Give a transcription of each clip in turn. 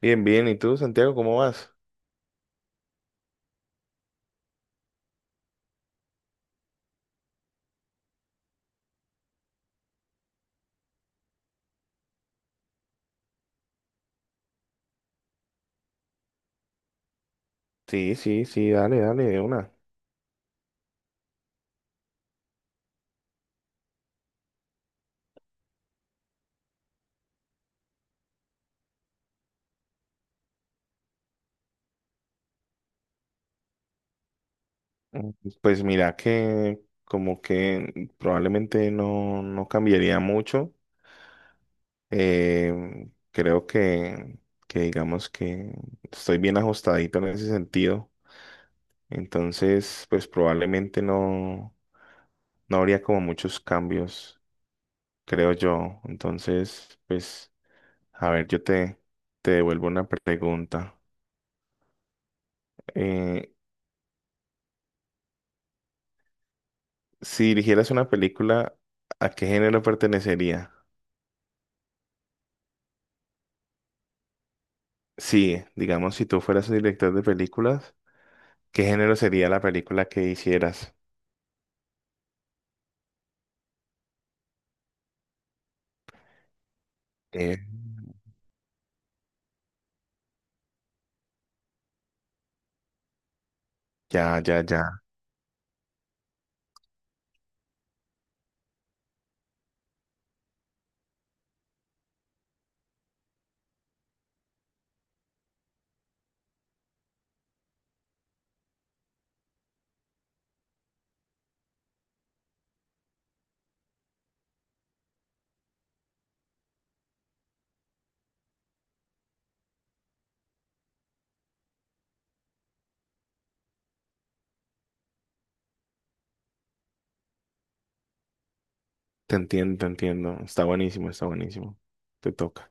Bien, bien. ¿Y tú, Santiago, cómo vas? Sí, sí, sí, dale, dale, de una. Mm, Pues mira que como que probablemente no cambiaría mucho. Creo que digamos que estoy bien ajustadito en ese sentido. Entonces, pues probablemente no habría como muchos cambios, creo yo. Entonces, pues, a ver, te devuelvo una pregunta. Eh, Si dirigieras una película, ¿a qué género pertenecería? Sí, digamos, si tú fueras un director de películas, ¿qué género sería la película que hicieras? Eh, ya, ya, ya. Te entiendo, te entiendo. Está buenísimo, está buenísimo. Te toca.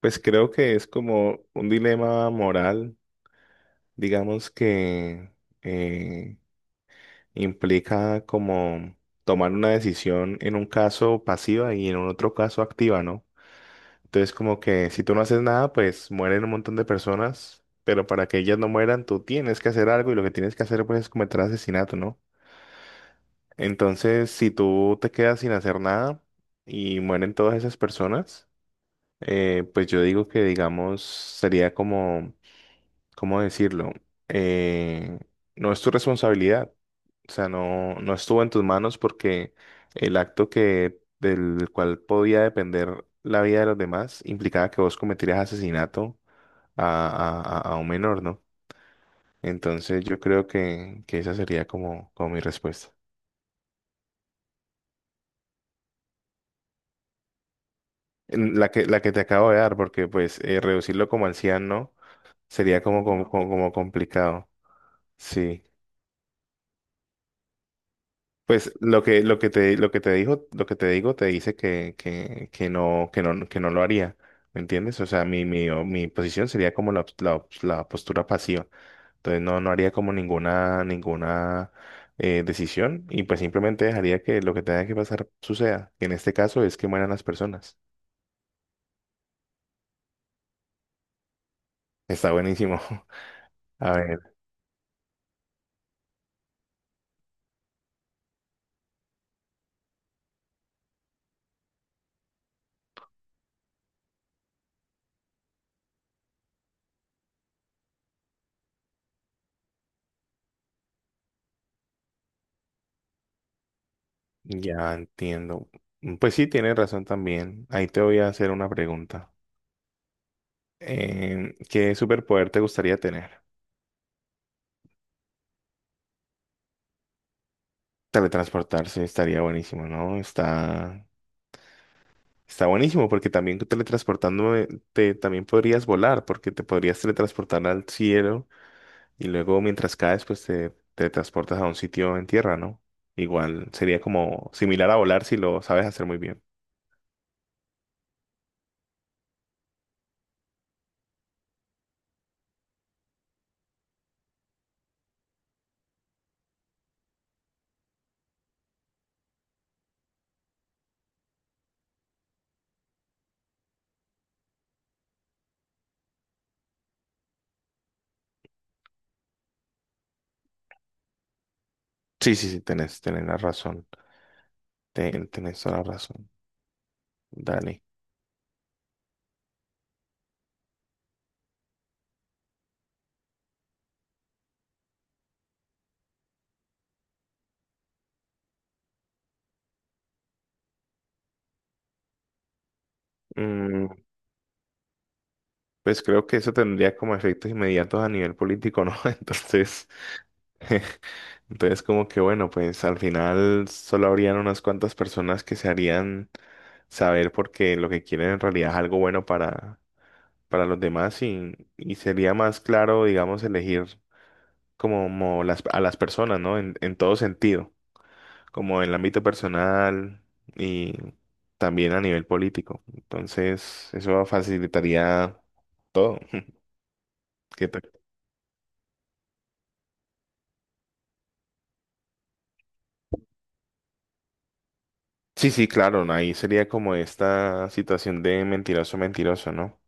Pues creo que es como un dilema moral, digamos que eh, implica como tomar una decisión en un caso pasiva y en un otro caso activa, ¿no? Entonces, como que si tú no haces nada, pues mueren un montón de personas, pero para que ellas no mueran, tú tienes que hacer algo y lo que tienes que hacer, pues, es cometer asesinato, ¿no? Entonces, si tú te quedas sin hacer nada y mueren todas esas personas, pues yo digo que, digamos, sería como ¿cómo decirlo? Eh, no es tu responsabilidad. O sea, no estuvo en tus manos porque el acto que, del cual podía depender la vida de los demás implicaba que vos cometieras asesinato a, a un menor, ¿no? Entonces yo creo que esa sería como, como mi respuesta. En la que te acabo de dar, porque pues reducirlo como anciano sería como, como, como complicado. Sí. Pues lo que te digo, te dice que no, que no lo haría. ¿Me entiendes? O sea, mi posición sería como la postura pasiva. Entonces no, no haría como ninguna decisión y pues simplemente dejaría que lo que tenga que pasar suceda. Y en este caso es que mueran las personas. Está buenísimo. A ver, ya entiendo. Pues sí, tienes razón también. Ahí te voy a hacer una pregunta. ¿Qué superpoder te gustaría tener? Teletransportarse estaría buenísimo, ¿no? Está buenísimo porque también también podrías volar porque te podrías teletransportar al cielo y luego mientras caes, pues te teletransportas a un sitio en tierra, ¿no? Igual sería como similar a volar si lo sabes hacer muy bien. Sí, sí, sí, tenés, tenés la razón. Tenés toda la razón. Dale. Mm, pues creo que eso tendría como efectos inmediatos a nivel político, ¿no? Entonces Entonces, como que bueno, pues al final solo habrían unas cuantas personas que se harían saber porque lo que quieren en realidad es algo bueno para los demás y sería más claro, digamos, elegir como, a las personas, ¿no? En todo sentido, como en el ámbito personal y también a nivel político. Entonces, eso facilitaría todo. ¿Qué tal? Sí, sí, claro, ahí sería como esta situación de mentiroso, mentiroso, ¿no?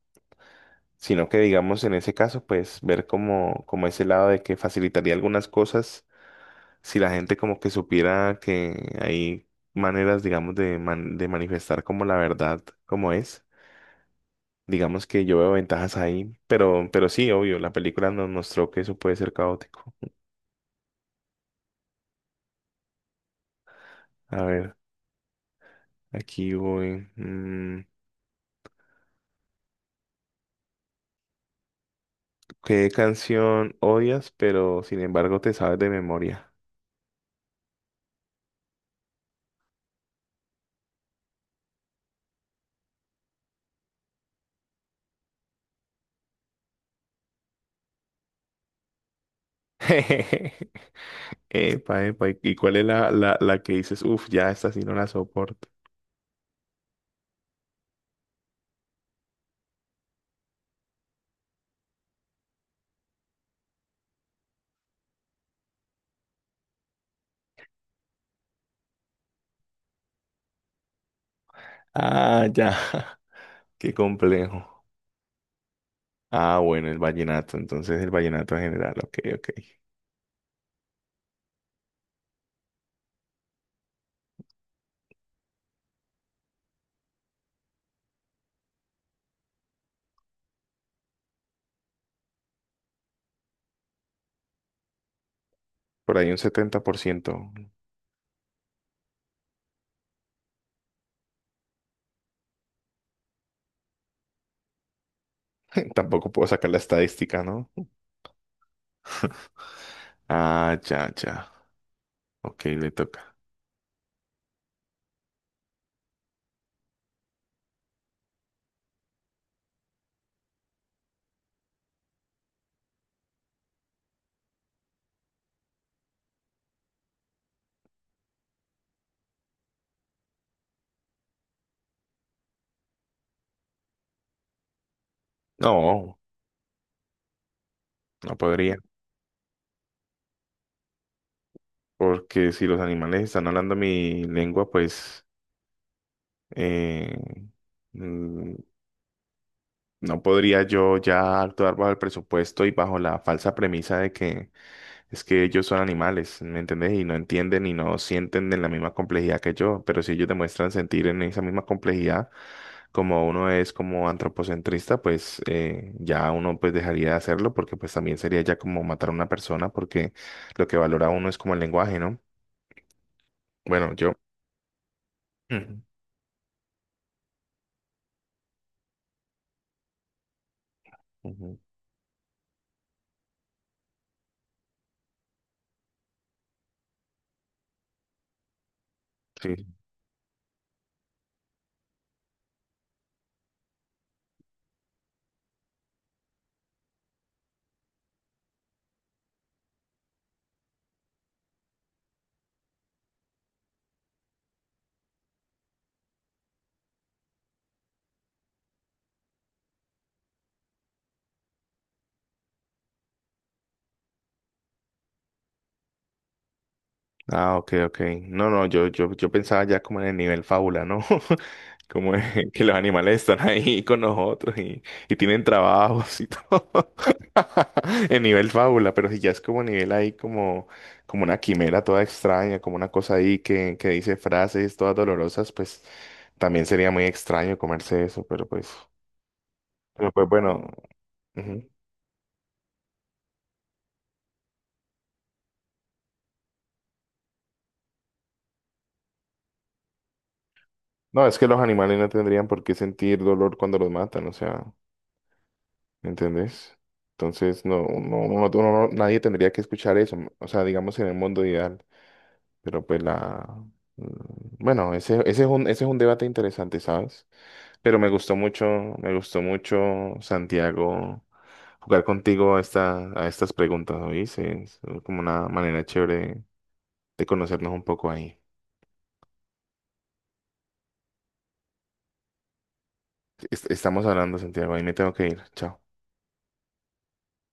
sino que digamos en ese caso, pues ver como, como ese lado de que facilitaría algunas cosas si la gente como que supiera que hay maneras, digamos, de manifestar como la verdad como es. Digamos que yo veo ventajas ahí, pero sí, obvio, la película nos mostró que eso puede ser caótico. A ver, aquí voy. ¿Qué canción odias, pero sin embargo te sabes de memoria? Epa, epa, ¿y cuál es la que dices? Uff, ya esta sí no la soporto. Ah, ya. Qué complejo. Ah, bueno, el vallenato. Entonces el vallenato en general. Ok, ok. Por ahí un 70%. Tampoco puedo sacar la estadística, ¿no? Ah, ya, ya. Ok, le toca. No, no podría. Porque si los animales están hablando mi lengua, pues eh, mm, no podría yo ya actuar bajo el presupuesto y bajo la falsa premisa de que es que ellos son animales, ¿me entendés? Y no entienden y no sienten en la misma complejidad que yo, pero si ellos demuestran sentir en esa misma complejidad, como uno es como antropocentrista, pues ya uno pues dejaría de hacerlo porque pues también sería ya como matar a una persona porque lo que valora uno es como el lenguaje, ¿no? Bueno, yo Ujú, ujú. Ah, ok, ok. No, no, yo pensaba ya como en el nivel fábula, ¿no? Como en que los animales están ahí con nosotros y tienen trabajos y todo. En nivel fábula, pero si ya es como nivel ahí como, como una quimera toda extraña, como una cosa ahí que dice frases todas dolorosas, pues también sería muy extraño comerse eso, pero pues bueno. Ujú. No, es que los animales no tendrían por qué sentir dolor cuando los matan, o sea. ¿Entendés? Entonces, no, no, uno- uno no- nadie tendría que escuchar eso, o sea, digamos en el mundo ideal, pero pues la mm, bueno, ese es un debate interesante, ¿sabes? Pero me gustó mucho, Santiago, jugar contigo a, a estas preguntas, ¿oíste? Es como una manera chévere de conocernos un poco ahí. Estamos hablando, Santiago, ahí me tengo que ir. Chao.